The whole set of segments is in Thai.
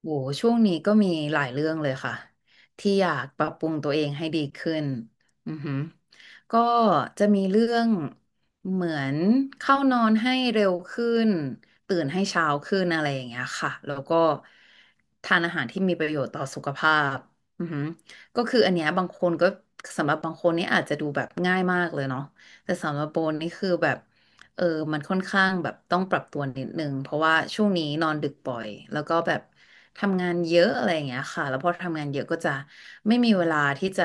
โหช่วงนี้ก็มีหลายเรื่องเลยค่ะที่อยากปรับปรุงตัวเองให้ดีขึ้นอือหือก็จะมีเรื่องเหมือนเข้านอนให้เร็วขึ้นตื่นให้เช้าขึ้นอะไรอย่างเงี้ยค่ะแล้วก็ทานอาหารที่มีประโยชน์ต่อสุขภาพอือหือก็คืออันเนี้ยบางคนก็สำหรับบางคนนี่อาจจะดูแบบง่ายมากเลยเนาะแต่สำหรับโบนี่คือแบบ เออมันค่อนข้างแบบต้องปรับตัวนิดนึงเพราะว่าช่วงนี้นอนดึกบ่อย แล้วก็แบบทำงานเยอะอะไรอย่างเงี้ยค่ะ แล้วพอทำงานเยอะก็จะไม่มีเวลาที่จะ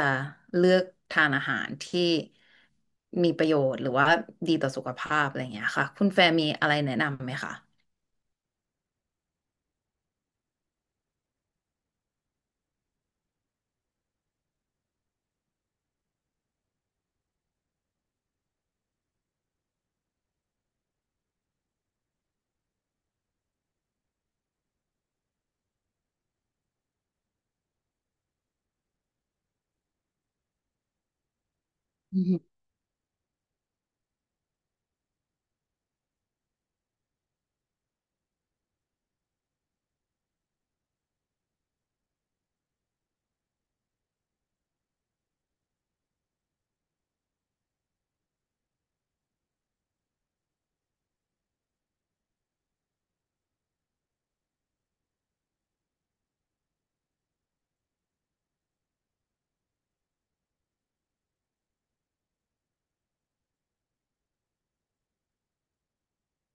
เลือกทานอาหารที่มีประโยชน์หรือว่าดีต่อสุขภาพอะไรอย่างเงี้ยค่ะคุณแฟร์มีอะไรแนะนำไหมคะ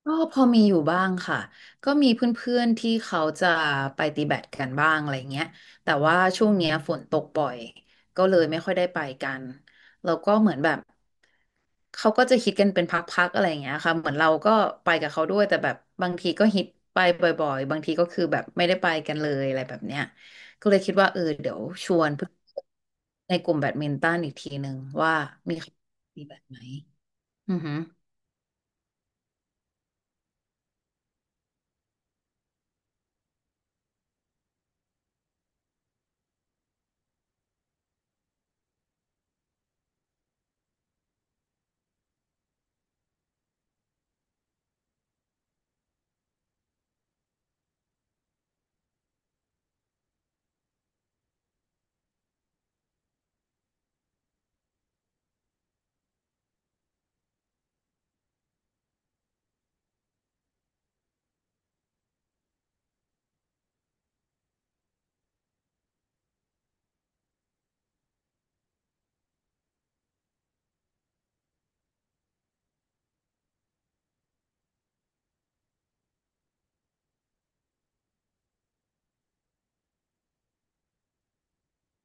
ก็พอมีอยู่บ้างค่ะก็มีเพื่อนๆที่เขาจะไปตีแบดกันบ้างอะไรเงี้ยแต่ว่าช่วงเนี้ยฝนตกบ่อยก็เลยไม่ค่อยได้ไปกันแล้วก็เหมือนแบบเขาก็จะฮิตกันเป็นพักๆอะไรอย่างเงี้ยค่ะเหมือนเราก็ไปกับเขาด้วยแต่แบบบางทีก็ฮิตไปบ่อยๆบางทีก็คือแบบไม่ได้ไปกันเลยอะไรแบบเนี้ยก็เลยคิดว่าเดี๋ยวชวนเพื่อนในกลุ่มแบดมินตันอีกทีหนึ่งว่ามีใครตีแบดไหมอือฮึ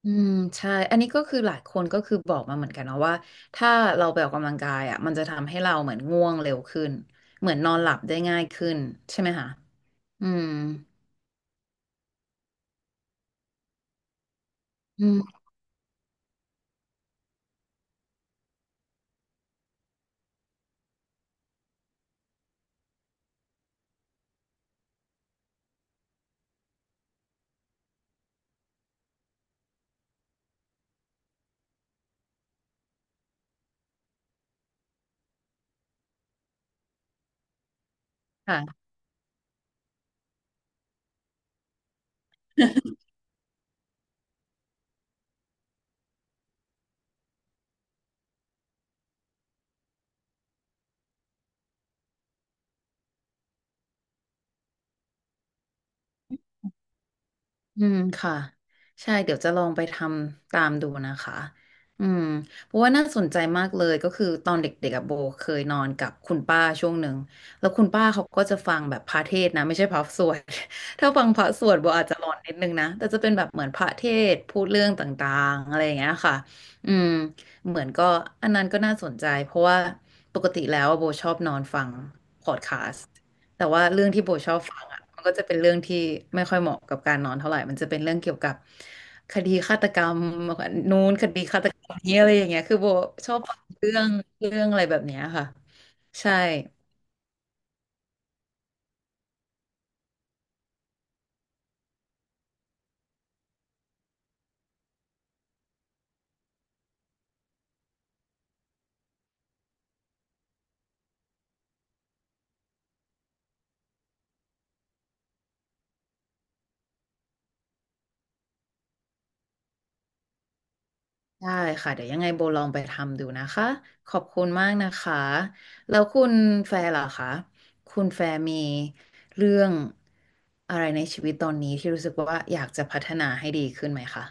อืมใช่อันนี้ก็คือหลายคนก็คือบอกมาเหมือนกันนะว่าถ้าเราไปออกกำลังกายอ่ะมันจะทำให้เราเหมือนง่วงเร็วขึ้นเหมือนนอนหลับได้ง่ายขึ้นใช่ไหมคะอืมอืมค่ะ อืมค่ะใช่เดี๋ยวจะลองไปทำตามดูนะคะอืมเพราะว่าน่าสนใจมากเลยก็คือตอนเด็กๆอะโบเคยนอนกับคุณป้าช่วงหนึ่งแล้วคุณป้าเขาก็จะฟังแบบพระเทศน์นะไม่ใช่พระสวด ถ้าฟังพระสวดโบอาจจะหลอนนิดนึงนะแต่จะเป็นแบบเหมือนพระเทศน์พูดเรื่องต่างๆอะไรอย่างเงี้ยค่ะอืมเหมือนก็อันนั้นก็น่าสนใจเพราะว่าปกติแล้วอะโบชอบนอนฟังพอดคาสต์ แต่ว่าเรื่องที่โบชอบฟังอ่ะมันก็จะเป็นเรื่องที่ไม่ค่อยเหมาะกับการนอนเท่าไหร่มันจะเป็นเรื่องเกี่ยวกับคดีฆาตกรรมนู้นคดีฆาตกรรมนี้อะไรอย่างเงี้ยคือโบชอบฟังเรื่องเรื่องอะไรแบบเนี้ยค่ะใช่ได้ค่ะเดี๋ยวยังไงโบลองไปทำดูนะคะขอบคุณมากนะคะแล้วคุณแฟร์ล่ะคะคุณแฟร์มีเรื่องอะไรในชีวิตตอนนี้ที่รู้สึกว่าอยากจะพัฒนาให้ดีขึ้นไหมคะ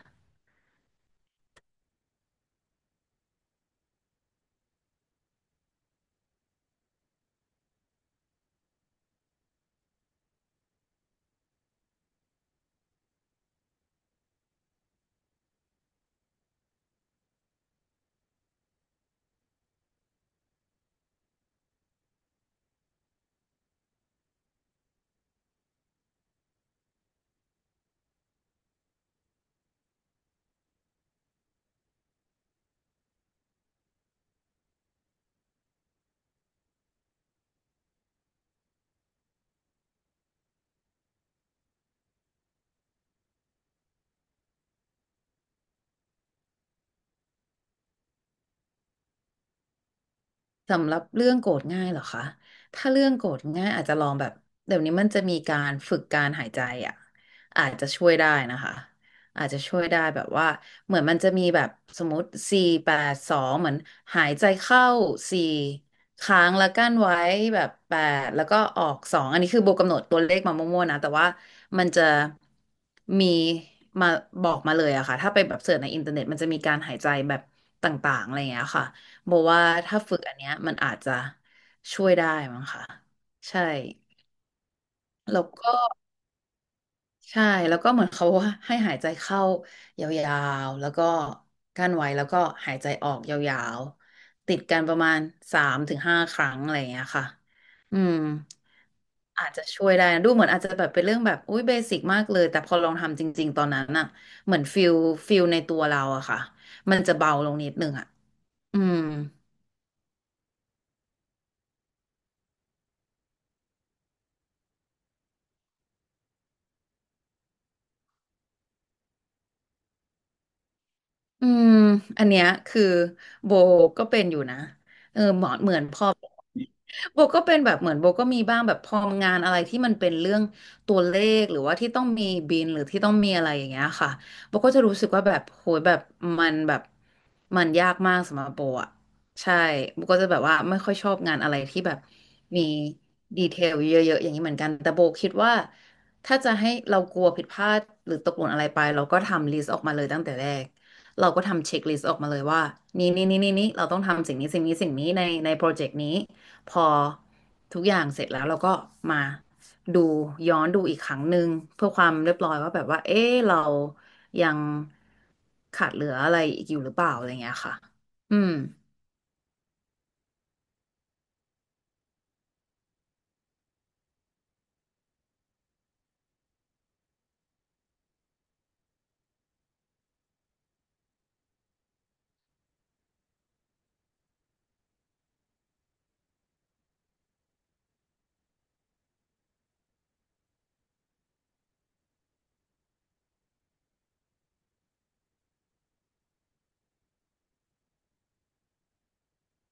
สำหรับเรื่องโกรธง่ายเหรอคะถ้าเรื่องโกรธง่ายอาจจะลองแบบเดี๋ยวนี้มันจะมีการฝึกการหายใจอ่ะอาจจะช่วยได้นะคะอาจจะช่วยได้แบบว่าเหมือนมันจะมีแบบสมมติสี่แปดสองเหมือนหายใจเข้าสี่ค้างแล้วกั้นไว้แบบแปดแล้วก็ออกสองอันนี้คือโบกำหนดตัวเลขมามั่วๆนะแต่ว่ามันจะมีมาบอกมาเลยอะค่ะถ้าไปแบบเสิร์ชในอินเทอร์เน็ตมันจะมีการหายใจแบบต่างๆอะไรอย่างเงี้ยค่ะ โบว่าถ้าฝึกอันเนี้ยมันอาจจะช่วยได้มั้งค่ะใช่แล้วก็ใช่แล้วก็เหมือนเขาว่าให้หายใจเข้ายาวๆแล้วก็กั้นไว้แล้วก็หายใจออกยาวๆติดกันประมาณ3-5 ครั้งอะไรอย่างเงี้ยค่ะอืมอาจจะช่วยได้นะดูเหมือนอาจจะแบบเป็นเรื่องแบบอุ้ยเบสิกมากเลยแต่พอลองทำจริงๆตอนนั้นอะเหมือนฟิลในตัวเราอะค่ะมันจะเบาลงนิดนึงอะอืม อืม อันเนี้ยคือโบก็เป็นอยู่นะเหมือนพอ โบก็เป็นแบบเหมือนโบก็มีบ้างแบบพองานอะไรที่มันเป็นเรื่องตัวเลขหรือว่าที่ต้องมีบินหรือที่ต้องมีอะไรอย่างเงี้ยค่ะโบก็จะรู้สึกว่าแบบโหยแบบมันแบบมันยากมากสำหรับโบอะใช่โบก็จะแบบว่าไม่ค่อยชอบงานอะไรที่แบบมีดีเทลเยอะๆอย่างนี้เหมือนกันแต่โบคิดว่าถ้าจะให้เรากลัวผิดพลาดหรือตกหล่นอะไรไปเราก็ทำลิสต์ออกมาเลยตั้งแต่แรกเราก็ทำเช็คลิสต์ออกมาเลยว่านี่นี่นี่นี่นี่เราต้องทำสิ่งนี้สิ่งนี้สิ่งนี้ในในโปรเจกต์นี้ พอทุกอย่างเสร็จแล้วเราก็มาดูย้อนดูอีกครั้งหนึ่งเพื่อความเรียบร้อยว่าแบบว่าเอ๊ะเรายังขาดเหลืออะไรอีกอยู่หรือเปล่าอะไรเงี้ยค่ะอืม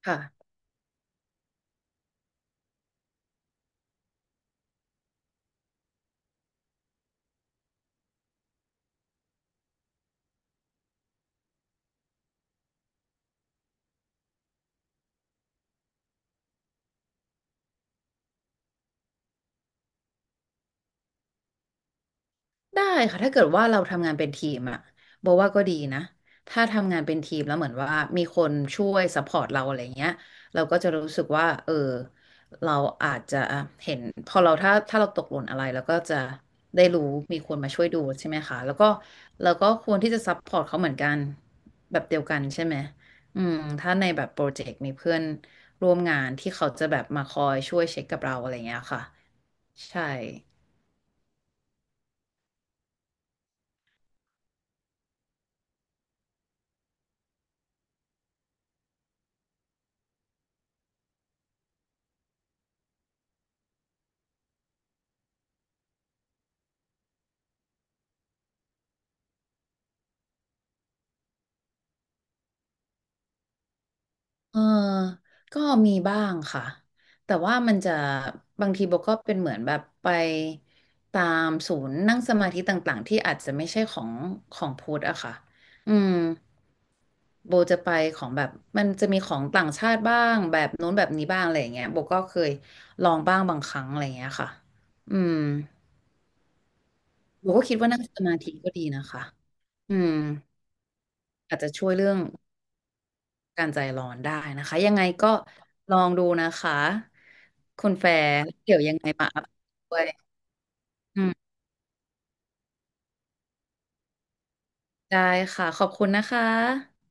ค่ะ ได้ค่ะถ้าเกิดว่าเราทำงานเป็นทีมอะบอกว่าก็ดีนะถ้าทำงานเป็นทีมแล้วเหมือนว่ามีคนช่วยซัพพอร์ตเราอะไรเงี้ยเราก็จะรู้สึกว่าเออเราอาจจะเห็นพอเราถ้าเราตกหล่นอะไรเราก็จะได้รู้มีคนมาช่วยดูใช่ไหมคะแล้วก็เราก็ควรที่จะซัพพอร์ตเขาเหมือนกันแบบเดียวกันใช่ไหมอืมถ้าในแบบโปรเจกต์มีเพื่อนร่วมงานที่เขาจะแบบมาคอยช่วยเช็คกับเราอะไรเงี้ยค่ะใช่ เออก็มีบ้างค่ะ แต่ว่ามันจะบางทีโบก็เป็นเหมือนแบบไปตามศูนย์นั่งสมาธิต่างๆที่อาจจะไม่ใช่ของของพุทธอะค่ะ อืมโบจะไปของแบบมันจะมีของต่างชาติบ้างแบบนู้นแบบนี้บ้างอะไรอย่างเงี้ยโบก็เคยลองบ้างบางครั้งอะไรอย่างเงี้ยค่ะอืมโบก็คิดว่านั่งสมาธิก็ดีนะคะอืมอาจจะช่วยเรื่อง การใจร้อนได้นะคะยังไงก็ลองดูนะคะคุณแฟร์เดี๋ยวยังไงมาอัปเดตด้วยอืมได้ค่ะขอบคุณนะคะ